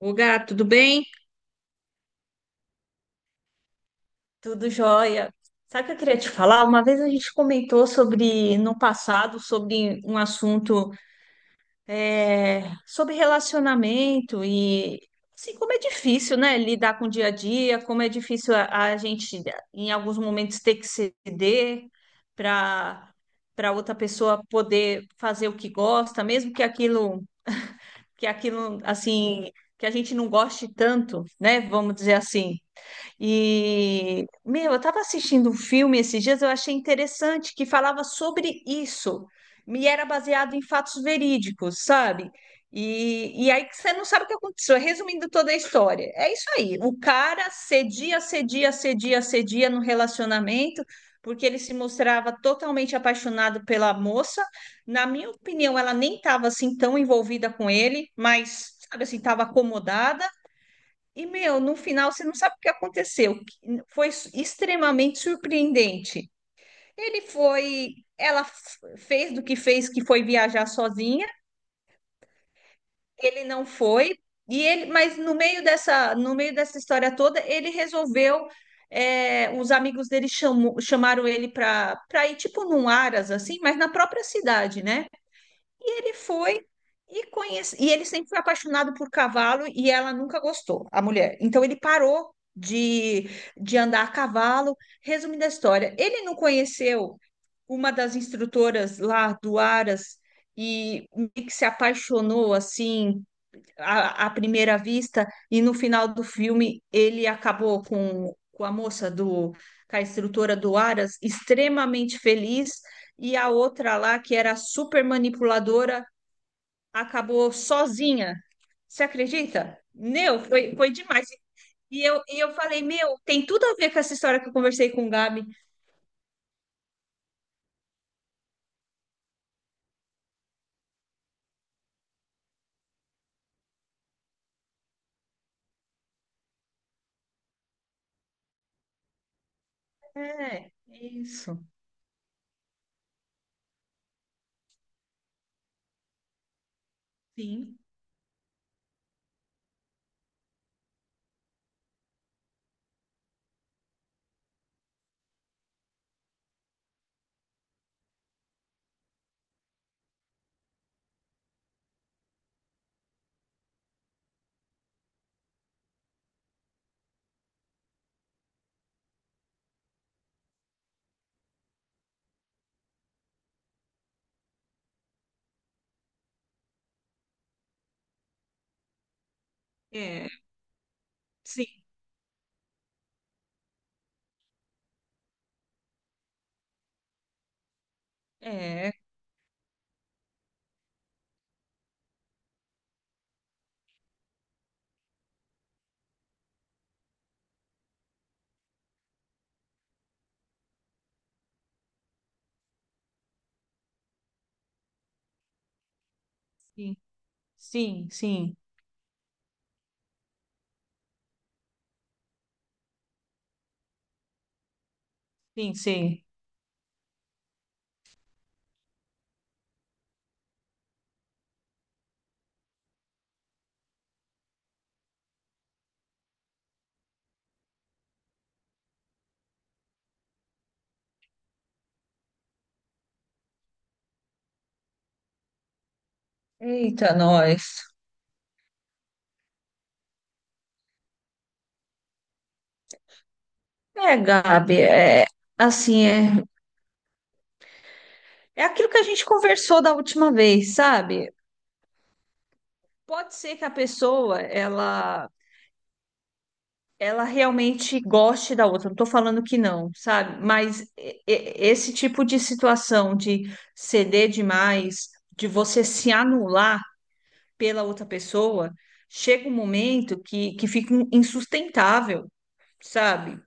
Ô, gato, tudo bem? Tudo jóia. Sabe o que eu queria te falar? Uma vez a gente comentou sobre, no passado, sobre um assunto, sobre relacionamento e assim, como é difícil, né, lidar com o dia a dia, como é difícil a gente, em alguns momentos, ter que ceder para para outra pessoa poder fazer o que gosta, mesmo que aquilo, assim, que a gente não goste tanto, né, vamos dizer assim. E, meu, eu estava assistindo um filme esses dias, eu achei interessante, que falava sobre isso, e era baseado em fatos verídicos, sabe? E aí que você não sabe o que aconteceu. Resumindo toda a história, é isso aí. O cara cedia, cedia, cedia, cedia no relacionamento, porque ele se mostrava totalmente apaixonado pela moça. Na minha opinião, ela nem estava assim tão envolvida com ele, mas, sabe assim, estava acomodada. E, meu, no final você não sabe o que aconteceu. Que extremamente surpreendente. Ele foi, ela fez do que fez, que foi viajar sozinha. Ele não foi. E ele, mas no meio dessa história toda, ele resolveu. Os amigos dele chamaram ele para ir tipo num aras assim, mas na própria cidade, né? E ele foi e e ele sempre foi apaixonado por cavalo e ela nunca gostou, a mulher. Então ele parou de andar a cavalo. Resumindo a história, ele não conheceu uma das instrutoras lá do Aras e meio que se apaixonou assim à primeira vista, e no final do filme ele acabou com a instrutora do Aras extremamente feliz, e a outra lá que era super manipuladora acabou sozinha. Você acredita? Meu, foi demais. E eu falei, meu, tem tudo a ver com essa história que eu conversei com o Gabi. É, isso. Sim. É, sim. É, sim. Sim, sim, sim, sim. Eita, nós. É, Gabi, assim, é, é aquilo que a gente conversou da última vez, sabe? Pode ser que a pessoa, ela realmente goste da outra. Não estou falando que não, sabe? Mas esse tipo de situação de ceder demais, de você se anular pela outra pessoa, chega um momento que fica insustentável, sabe?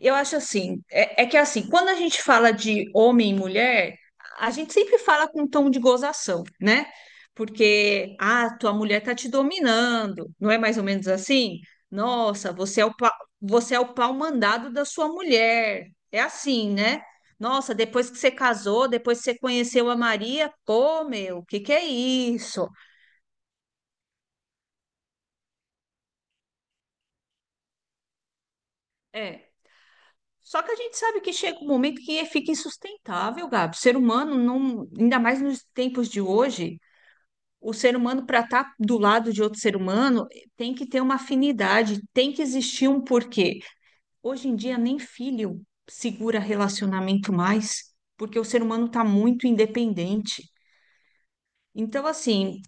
Eu acho assim, é que assim, quando a gente fala de homem e mulher, a gente sempre fala com um tom de gozação, né? Porque, ah, tua mulher tá te dominando, não é mais ou menos assim? Nossa, você é o pau mandado da sua mulher. É assim, né? Nossa, depois que você casou, depois que você conheceu a Maria, pô, meu, o que que é isso? É. Só que a gente sabe que chega um momento que fica insustentável, Gabi. O ser humano, não, ainda mais nos tempos de hoje, o ser humano, para estar do lado de outro ser humano, tem que ter uma afinidade, tem que existir um porquê. Hoje em dia, nem filho segura relacionamento mais, porque o ser humano está muito independente. Então, assim,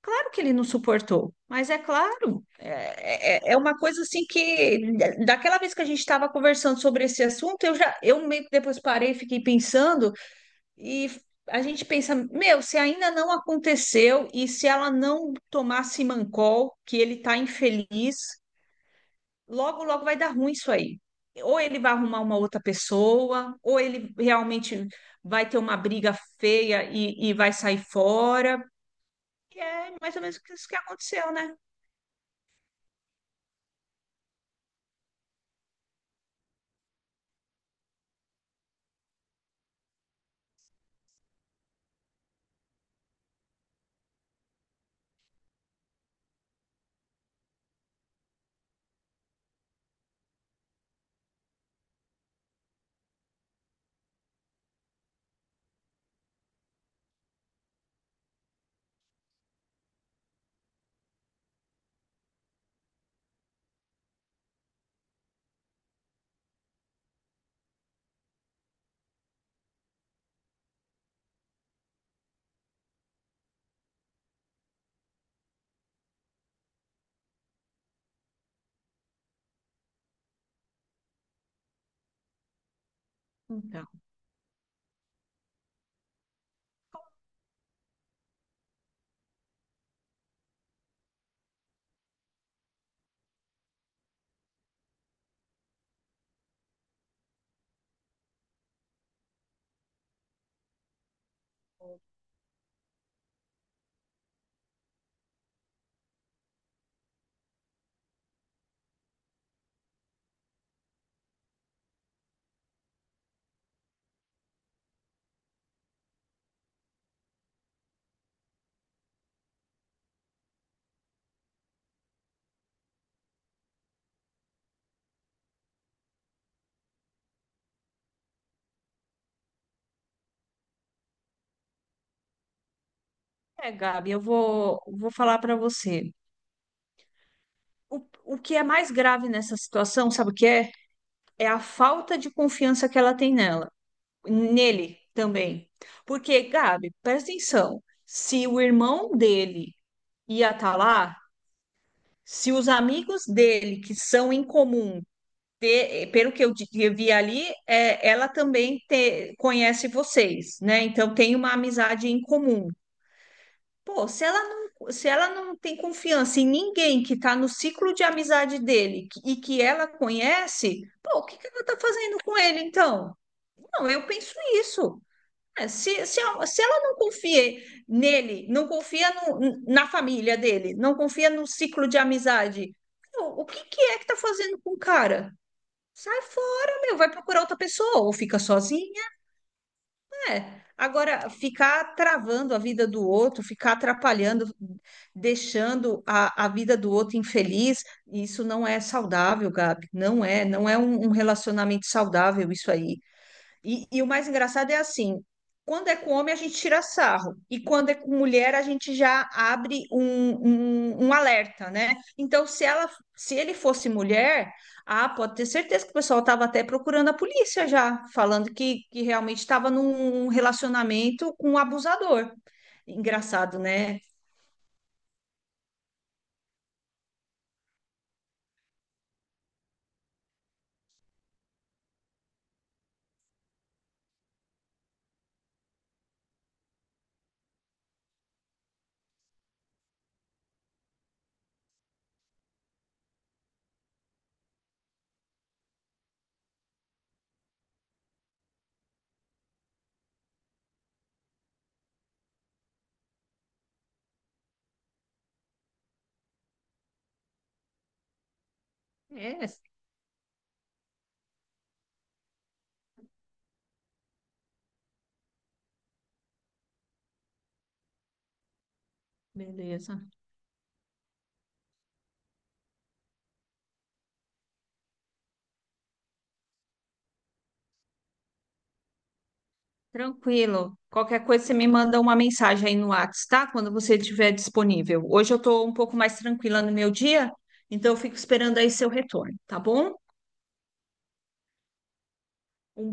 claro que ele não suportou, mas é claro, é uma coisa assim que, daquela vez que a gente estava conversando sobre esse assunto, eu já, eu meio que depois parei e fiquei pensando. E a gente pensa, meu, se ainda não aconteceu e se ela não tomar Simancol, que ele tá infeliz, logo, logo vai dar ruim isso aí. Ou ele vai arrumar uma outra pessoa, ou ele realmente vai ter uma briga feia e vai sair fora. E é mais ou menos isso que aconteceu, né? Então, é, Gabi, vou falar para você. O, o que é mais grave nessa situação, sabe o que é? É a falta de confiança que ela tem nela. Nele também. Porque, Gabi, presta atenção, se o irmão dele ia estar lá, se os amigos dele, que são em comum, pelo que eu vi ali, é, ela também conhece vocês, né? Então tem uma amizade em comum. Pô, se ela não tem confiança em ninguém que está no ciclo de amizade dele e que ela conhece, pô, o que que ela está fazendo com ele então? Não, eu penso isso. É, se ela não confia nele, não confia na família dele, não confia no ciclo de amizade, meu, o que que é que tá fazendo com o cara? Sai fora, meu, vai procurar outra pessoa, ou fica sozinha, né? Agora, ficar travando a vida do outro, ficar atrapalhando, deixando a vida do outro infeliz, isso não é saudável, Gabi. Não é um relacionamento saudável isso aí. E o mais engraçado é assim, quando é com homem a gente tira sarro, e quando é com mulher a gente já abre um alerta, né? Então, se ele fosse mulher, ah, pode ter certeza que o pessoal estava até procurando a polícia já, falando que realmente estava num relacionamento com um abusador. Engraçado, né? É, beleza. Tranquilo. Qualquer coisa, você me manda uma mensagem aí no WhatsApp, tá? Quando você estiver disponível. Hoje eu estou um pouco mais tranquila no meu dia, então eu fico esperando aí seu retorno, tá bom? Um